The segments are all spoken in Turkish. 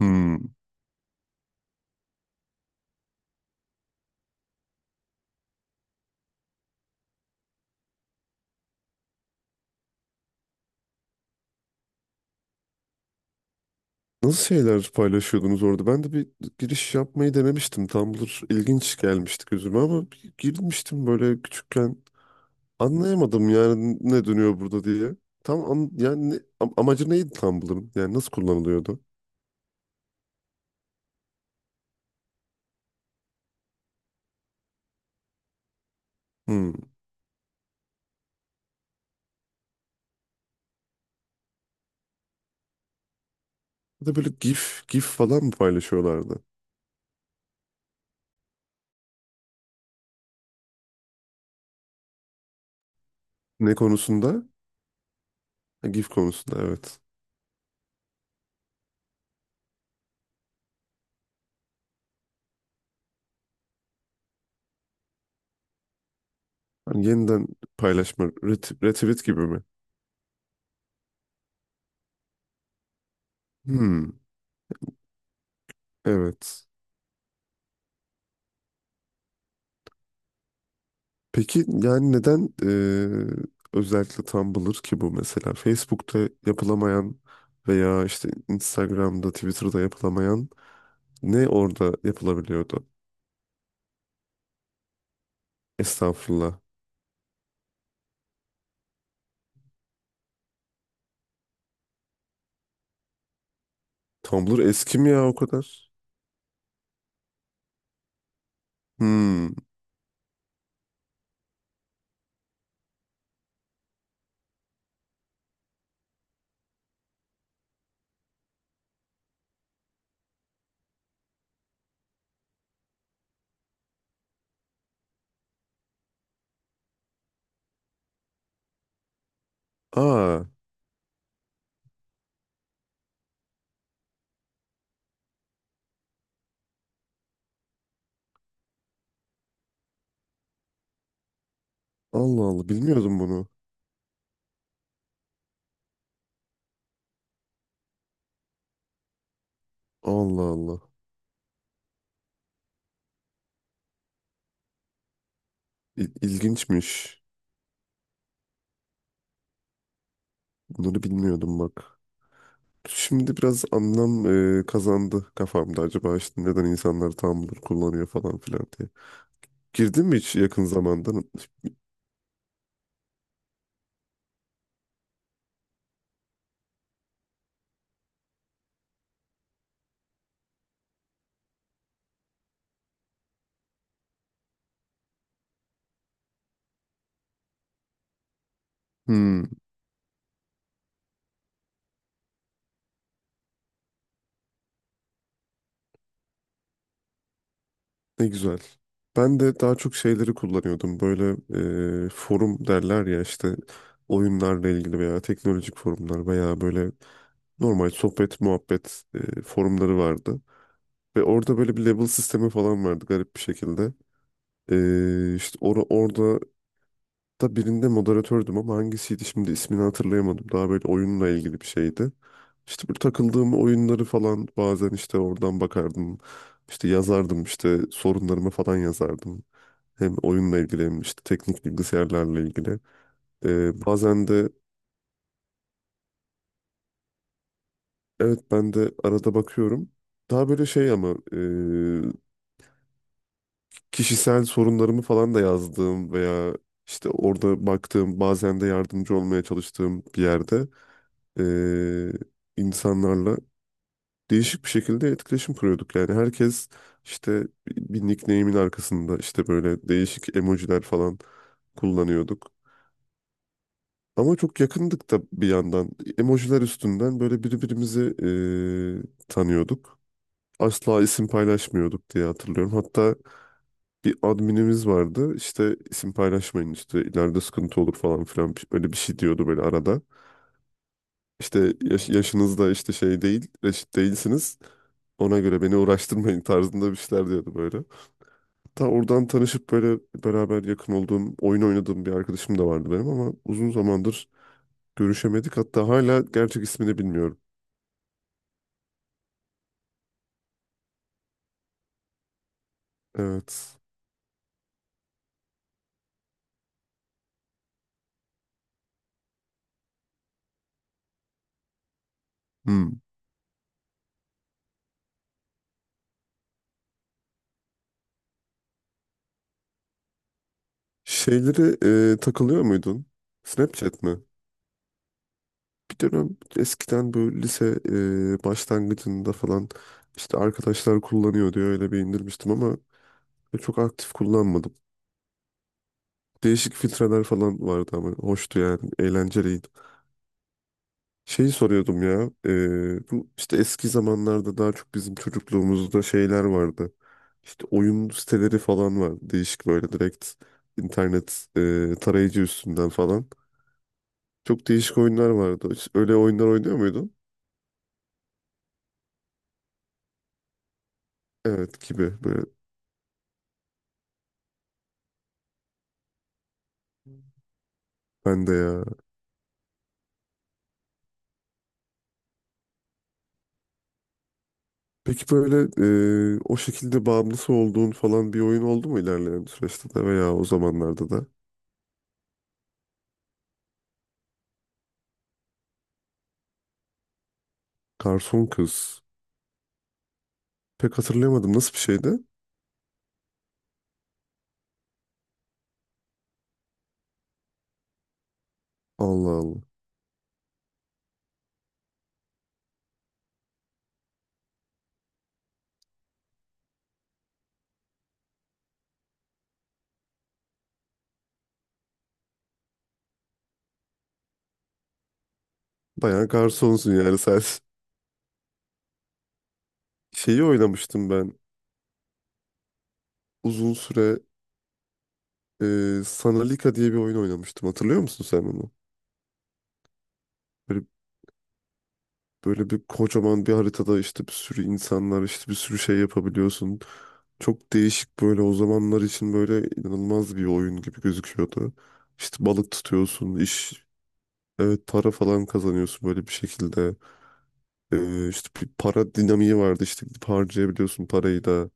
Hmm. Nasıl şeyler paylaşıyordunuz orada? Ben de bir giriş yapmayı denemiştim. Tumblr ilginç gelmişti gözüme ama bir girmiştim böyle küçükken. Anlayamadım yani ne dönüyor burada diye. Tam an- yani ne- am- Amacı neydi Tumblr'ın? Yani nasıl kullanılıyordu? Hmm. Bir de böyle GIF falan mı paylaşıyorlardı? Ne konusunda? Ha, GIF konusunda evet. Hani yeniden paylaşma, retweet gibi mi? Hmm. Evet. Peki yani neden özellikle Tumblr ki bu mesela Facebook'ta yapılamayan veya işte Instagram'da, Twitter'da yapılamayan ne orada yapılabiliyordu? Estağfurullah. Tumblr eski mi ya o kadar? Hmm. Aa, Allah Allah bilmiyordum bunu. Allah Allah. İlginçmiş. Bunları bilmiyordum bak. Şimdi biraz anlam kazandı kafamda, acaba işte neden insanlar Tumblr kullanıyor falan filan diye. Girdin mi hiç yakın zamanda? Hmm, ne güzel. Ben de daha çok şeyleri kullanıyordum. Böyle forum derler ya, işte oyunlarla ilgili veya teknolojik forumlar veya böyle normal sohbet, muhabbet forumları vardı. Ve orada böyle bir level sistemi falan vardı garip bir şekilde. E, işte or orada da birinde moderatördüm ama hangisiydi şimdi ismini hatırlayamadım. Daha böyle oyunla ilgili bir şeydi. İşte böyle takıldığım oyunları falan bazen işte oradan bakardım. İşte yazardım, işte sorunlarımı falan yazardım. Hem oyunla ilgili hem işte teknik bilgisayarlarla ilgili. Bazen de evet, ben de arada bakıyorum. Daha böyle şey, ama kişisel sorunlarımı falan da yazdığım veya işte orada baktığım, bazen de yardımcı olmaya çalıştığım bir yerde, e, insanlarla değişik bir şekilde etkileşim kuruyorduk. Yani herkes işte bir nickname'in arkasında işte böyle değişik emojiler falan kullanıyorduk. Ama çok yakındık da bir yandan. Emojiler üstünden böyle birbirimizi tanıyorduk. Asla isim paylaşmıyorduk diye hatırlıyorum. Hatta bir adminimiz vardı. İşte isim paylaşmayın, işte ileride sıkıntı olur falan filan böyle bir şey diyordu böyle arada. İşte yaşınızda işte şey değil, reşit değilsiniz. Ona göre beni uğraştırmayın tarzında bir şeyler diyordu böyle. Ta oradan tanışıp böyle beraber yakın olduğum, oyun oynadığım bir arkadaşım da vardı benim ama uzun zamandır görüşemedik. Hatta hala gerçek ismini bilmiyorum. Evet. Hmm. Şeyleri takılıyor muydun? Snapchat mi? Bir dönem eskiden böyle lise başlangıcında falan işte arkadaşlar kullanıyor diye öyle bir indirmiştim ama çok aktif kullanmadım. Değişik filtreler falan vardı ama hoştu yani. Eğlenceliydi. Şeyi soruyordum ya. Bu işte eski zamanlarda, daha çok bizim çocukluğumuzda şeyler vardı. İşte oyun siteleri falan var. Değişik böyle direkt internet tarayıcı üstünden falan. Çok değişik oyunlar vardı. Hiç öyle oyunlar oynuyor muydun? Evet, gibi böyle. Ben de ya. Peki böyle o şekilde bağımlısı olduğun falan bir oyun oldu mu ilerleyen süreçte de veya o zamanlarda da? Garson Kız. Pek hatırlayamadım. Nasıl bir şeydi? Allah Allah. Bayağı garsonsun yani sen. Şeyi oynamıştım ben. Uzun süre Sanalika diye bir oyun oynamıştım. Hatırlıyor musun sen onu? Böyle, böyle bir kocaman bir haritada işte bir sürü insanlar, işte bir sürü şey yapabiliyorsun. Çok değişik böyle, o zamanlar için böyle inanılmaz bir oyun gibi gözüküyordu. İşte balık tutuyorsun, iş, evet, para falan kazanıyorsun böyle bir şekilde. İşte bir para dinamiği vardı, işte gidip harcayabiliyorsun parayı da.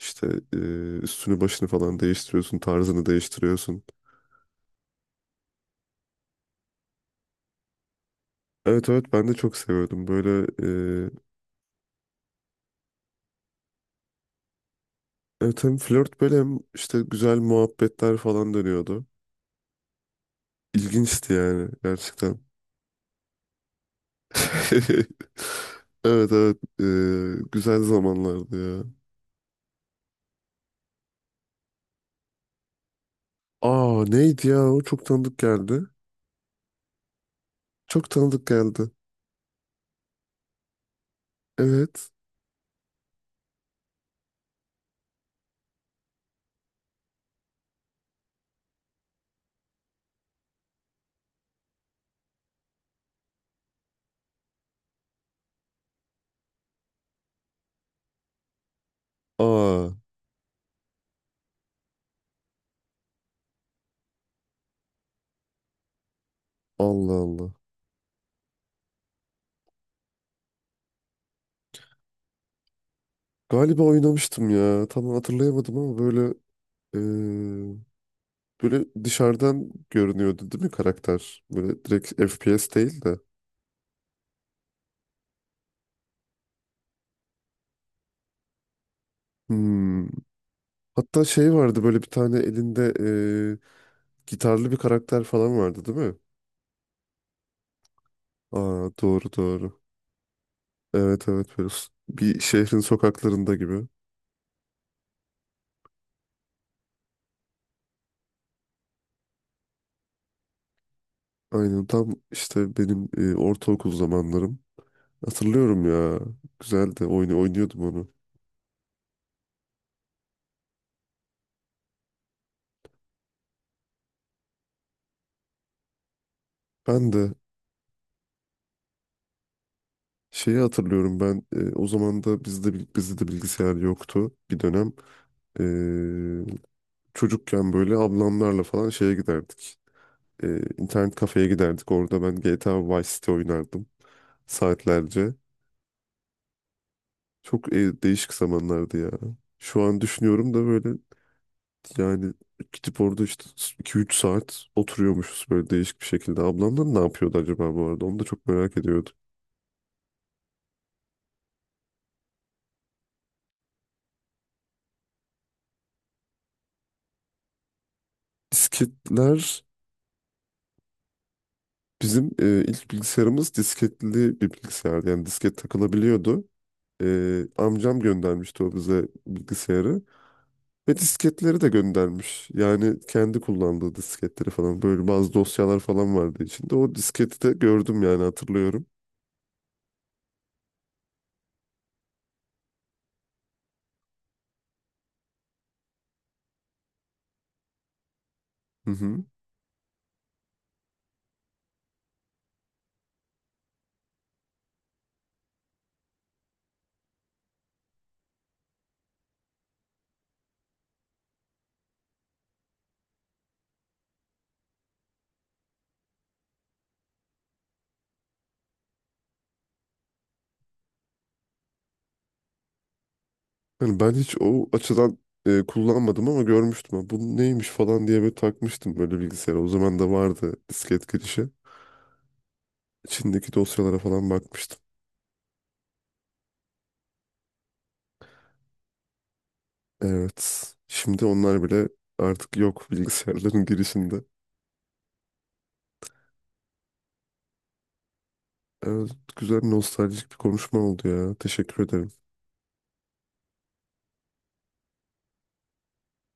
İşte e, üstünü başını falan değiştiriyorsun, tarzını değiştiriyorsun. Evet evet, ben de çok seviyordum. Böyle e, evet, hem flört böyle hem işte güzel muhabbetler falan dönüyordu. İlginçti yani gerçekten. Evet evet, güzel zamanlardı ya. Aa, neydi ya, o çok tanıdık geldi. Çok tanıdık geldi. Evet. Aa, Allah Allah. Galiba oynamıştım ya. Tam hatırlayamadım ama böyle böyle dışarıdan görünüyordu değil mi karakter? Böyle direkt FPS değil de. Hmm. Hatta şey vardı, böyle bir tane elinde gitarlı bir karakter falan vardı değil mi? Aa, doğru doğru. Evet evet, böyle bir şehrin sokaklarında gibi. Aynen, tam işte benim ortaokul zamanlarım. Hatırlıyorum ya. Güzeldi. Oyunu oynuyordum onu. Ben de şeyi hatırlıyorum, ben o zaman da bizde de bilgisayar yoktu bir dönem. Çocukken böyle ablamlarla falan şeye giderdik. İnternet kafeye giderdik. Orada ben GTA Vice City oynardım saatlerce. Çok değişik zamanlardı ya. Şu an düşünüyorum da böyle, yani gidip orada işte 2-3 saat oturuyormuşuz böyle değişik bir şekilde. Ablamlar ne yapıyordu acaba bu arada? Onu da çok merak ediyordum. Disketler, bizim ilk bilgisayarımız disketli bir bilgisayardı. Yani disket takılabiliyordu. E, amcam göndermişti o bize bilgisayarı. Ve disketleri de göndermiş. Yani kendi kullandığı disketleri falan, böyle bazı dosyalar falan vardı içinde. O disketi de gördüm, yani hatırlıyorum. Hı hı. Yani ben hiç o açıdan kullanmadım ama görmüştüm. Ha, bu neymiş falan diye böyle takmıştım böyle bilgisayara. O zaman da vardı disket girişi. İçindeki dosyalara falan bakmıştım. Evet. Şimdi onlar bile artık yok bilgisayarların girişinde. Evet, güzel nostaljik bir konuşma oldu ya. Teşekkür ederim.